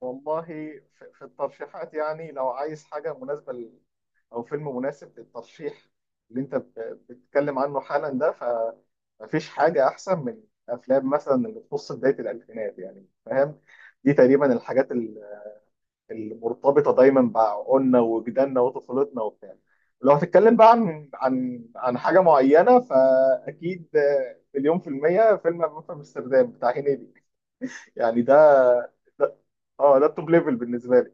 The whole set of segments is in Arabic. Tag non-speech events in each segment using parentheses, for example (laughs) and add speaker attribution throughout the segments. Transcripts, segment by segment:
Speaker 1: والله في الترشيحات، يعني لو عايز حاجة مناسبة أو فيلم مناسب للترشيح اللي أنت بتتكلم عنه حالا ده. فمفيش حاجة أحسن من أفلام مثلا اللي تخص بداية الألفينات، يعني فاهم. دي تقريبا الحاجات المرتبطة دايما بعقولنا وجداننا وطفولتنا وبتاع. لو هتتكلم بقى عن حاجة معينة، فأكيد مليون في المية فيلم همام في أمستردام بتاع هنيدي. يعني ده اه ده التوب ليفل بالنسبة لي.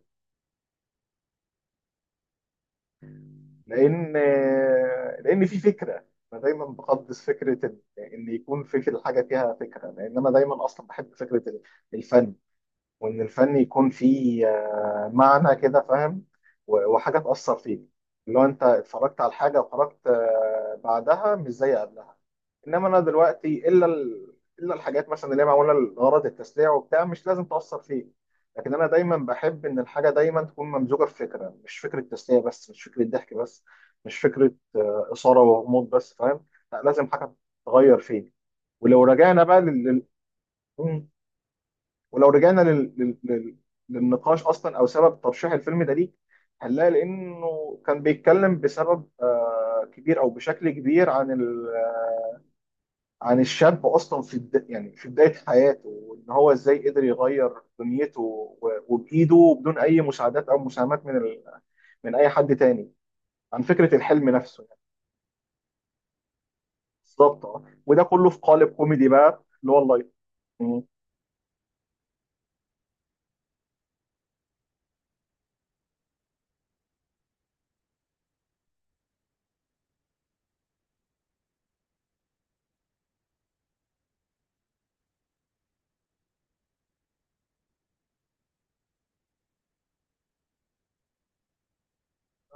Speaker 1: لان لان في فكره، انا دايما بقدس فكره إن يكون في الحاجه فيها فكره. لان انا دايما اصلا بحب فكره الفن، وان الفن يكون فيه معنى كده، فاهم. وحاجه تاثر فيك، اللي هو انت اتفرجت على الحاجه وخرجت بعدها مش زي قبلها. انما انا دلوقتي الا الحاجات مثلا اللي هي معموله لغرض التسليع وبتاع مش لازم تاثر فيك. لكن انا دايما بحب ان الحاجه دايما تكون ممزوجه في فكره، مش فكره تسليه بس، مش فكره ضحك بس، مش فكره اثاره وغموض بس، فاهم. لا، لازم حاجه تغير فيك. ولو رجعنا بقى لل- ولو رجعنا للنقاش اصلا او سبب ترشيح الفيلم ده ليك، هنلاقي لانه كان بيتكلم بسبب كبير او بشكل كبير عن الشاب اصلا يعني في بدايه حياته، وان هو ازاي قدر يغير دنيته وبايده، بدون اي مساعدات او مساهمات من اي حد تاني، عن فكره الحلم نفسه يعني. بالظبط اه، وده كله في قالب كوميدي بقى اللي هو اللايت. مم.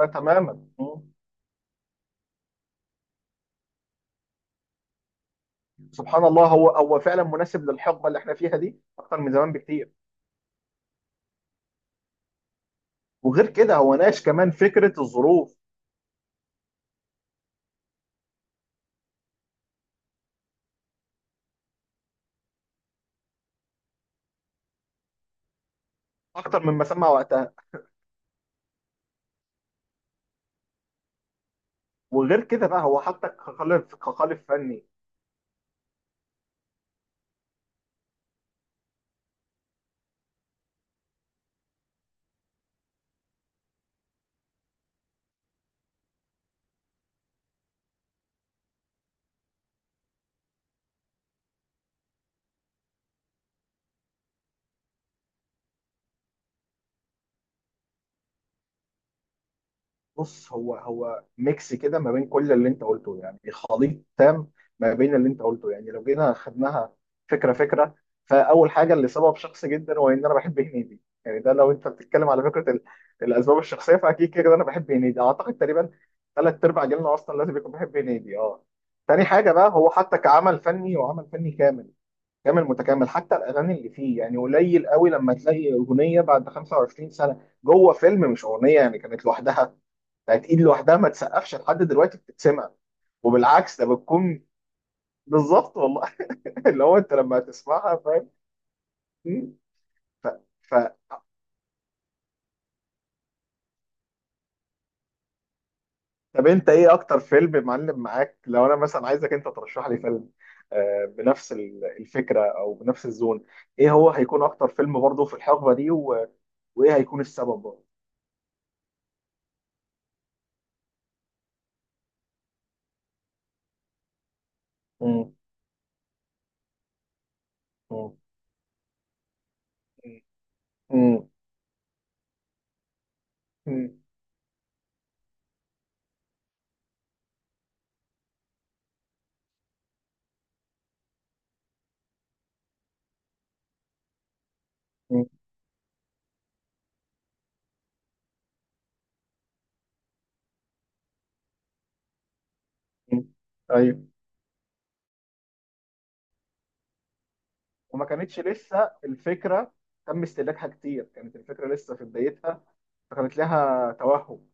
Speaker 1: تماما. مم. سبحان الله، هو فعلا مناسب للحقبه اللي احنا فيها دي اكتر من زمان بكتير. وغير كده هو ناقش كمان فكره الظروف اكتر مما سمع وقتها. وغير كده بقى هو حطك كخالف فني. بص، هو ميكس كده ما بين كل اللي انت قلته، يعني خليط تام ما بين اللي انت قلته. يعني لو جينا خدناها فكره. فاول حاجه، اللي سبب شخصي جدا، هو ان انا بحب هنيدي. يعني ده لو انت بتتكلم على فكره الاسباب الشخصيه، فاكيد كده انا بحب هنيدي. اعتقد تقريبا ثلاث ارباع جيلنا اصلا لازم يكون بيحب هنيدي، اه. تاني حاجه بقى، هو حتى كعمل فني وعمل فني كامل كامل متكامل، حتى الاغاني اللي فيه. يعني قليل قوي لما تلاقي اغنيه بعد 25 سنه جوه فيلم، مش اغنيه يعني كانت لوحدها. يعني ايد لوحدها ما تسقفش لحد دلوقتي بتتسمع، وبالعكس ده بتكون بالظبط والله. (laughs) اللي هو انت لما هتسمعها، فاهم. مم. ف... ف... طب انت ايه اكتر فيلم معلم معاك؟ لو انا مثلا عايزك انت ترشح لي فيلم بنفس الفكره او بنفس الزون، ايه هو هيكون اكتر فيلم برضه في الحقبه دي و... وايه هيكون السبب برضه؟ مم. مم. مم. مم. مم. مم. ايوه. وما كانتش لسه الفكره تم استهلاكها كتير، كانت الفكره لسه في بدايتها، كانت لها توهم.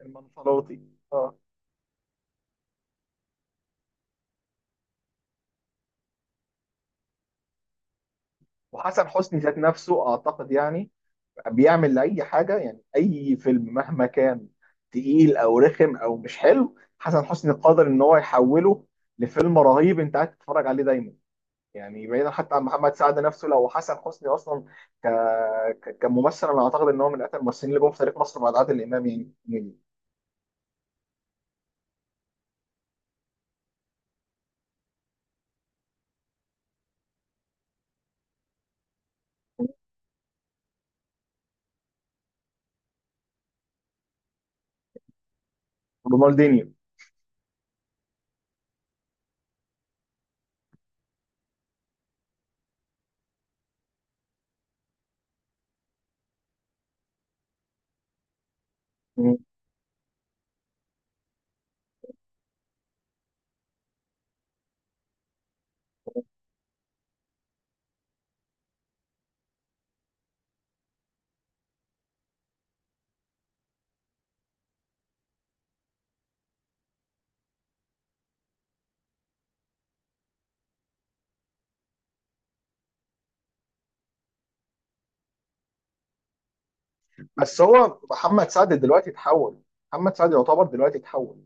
Speaker 1: المنفلاطي. اه. وحسن حسني ذات نفسه اعتقد يعني بيعمل لاي حاجه، يعني اي فيلم مهما كان تقيل او رخم او مش حلو، حسن حسني قادر ان هو يحوله لفيلم رهيب انت قاعد تتفرج عليه دايما. يعني بعيدا حتى عن محمد سعد نفسه، لو حسن حسني اصلا ك... كممثل، انا اعتقد ان هو من اكثر الممثلين اللي جم في تاريخ مصر بعد عادل امام. يعني، رونالدينيو. بس هو محمد سعد دلوقتي اتحول. محمد سعد يعتبر دلوقتي اتحول،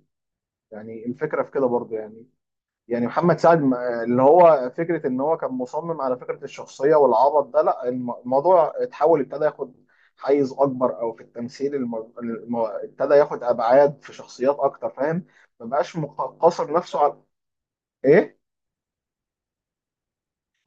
Speaker 1: يعني الفكره في كده برضه يعني. يعني محمد سعد اللي هو فكره ان هو كان مصمم على فكره الشخصيه والعبط ده، لا الموضوع اتحول، ابتدى ياخد حيز اكبر او في التمثيل. ابتدى ياخد ابعاد في شخصيات اكتر، فاهم. ما بقاش قاصر نفسه على ايه.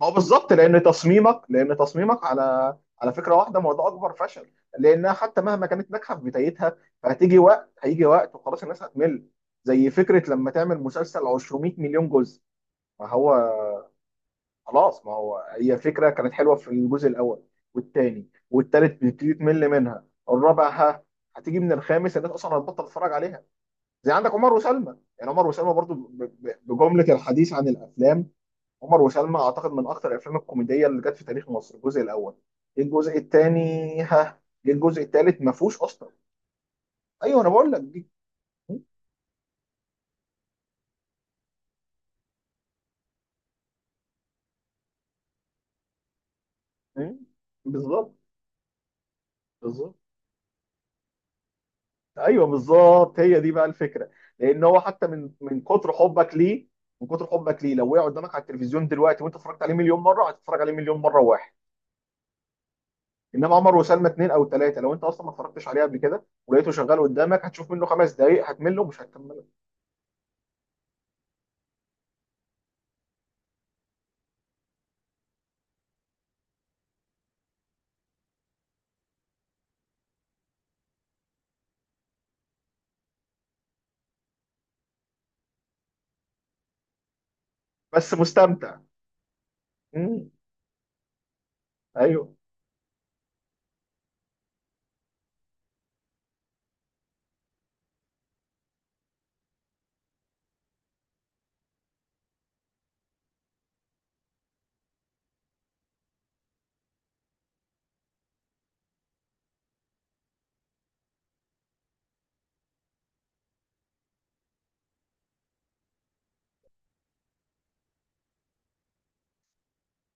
Speaker 1: ما هو بالظبط، لان تصميمك على فكره واحده، ما هو ده اكبر فشل، لانها حتى مهما كانت ناجحه في بدايتها. فهتيجي وقت، هيجي وقت وخلاص الناس هتمل. زي فكره لما تعمل مسلسل 200 مليون جزء. ما هو خلاص، ما هو هي فكره كانت حلوه في الجزء الاول والثاني والثالث، بتبتدي تمل منها الرابع، ها. هتيجي من الخامس الناس اصلا هتبطل تتفرج عليها. زي عندك عمر وسلمى. يعني عمر وسلمى برضو بجمله الحديث عن الافلام. عمر وسلمى اعتقد من اكتر الافلام الكوميديه اللي جت في تاريخ مصر الجزء الاول. جه الجزء الثاني، ها. جه الجزء الثالث ما فيهوش اصلا. ايوه، انا بقول لك دي. م- م- بالظبط، بالظبط. ايوه، بالظبط هي دي بقى الفكره. لان هو حتى من كتر حبك ليه، من كتر حبك ليه، لو وقع قدامك على التلفزيون دلوقتي وانت اتفرجت عليه مليون مره، هتتفرج عليه مليون مره واحد. انما عمر وسلمى اثنين او ثلاثه، لو انت اصلا ما اتفرجتش عليه قبل كده ولقيته شغال قدامك، هتشوف منه 5 دقائق، هتمله، مش هتكمله. بس مستمتع. م- ايوه.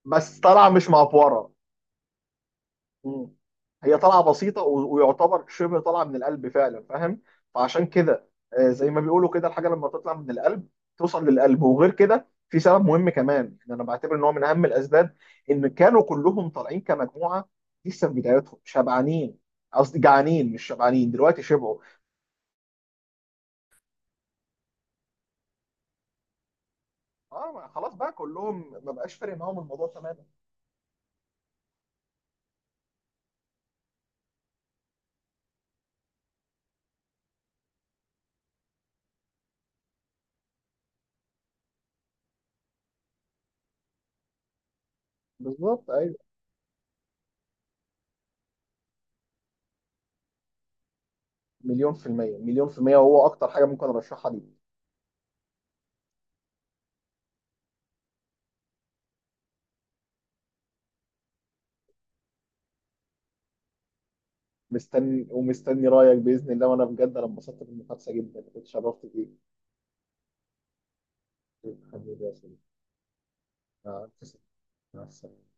Speaker 1: بس طالعه مش معفوره. مم. هي طالعه بسيطه ويعتبر شبه طالعه من القلب فعلا، فاهم. فعشان كده زي ما بيقولوا كده، الحاجه لما تطلع من القلب توصل للقلب. وغير كده في سبب مهم كمان، يعني انا بعتبر ان هو من اهم الاسباب ان كانوا كلهم طالعين كمجموعه لسه في بدايتهم شبعانين. قصدي جعانين، مش شبعانين. دلوقتي شبعوا. اه، ما خلاص بقى كلهم، ما بقاش فارق معاهم الموضوع تماما. بالظبط، ايوه. مليون في المية، مليون في المية، وهو اكتر حاجة ممكن ارشحها دي. مستني ومستني رايك باذن الله، وانا بجد انا انبسطت بالمحادثه جدا، كنت شرفت بيك. حبيبي يا سيدي. مع السلامه. مع السلامة.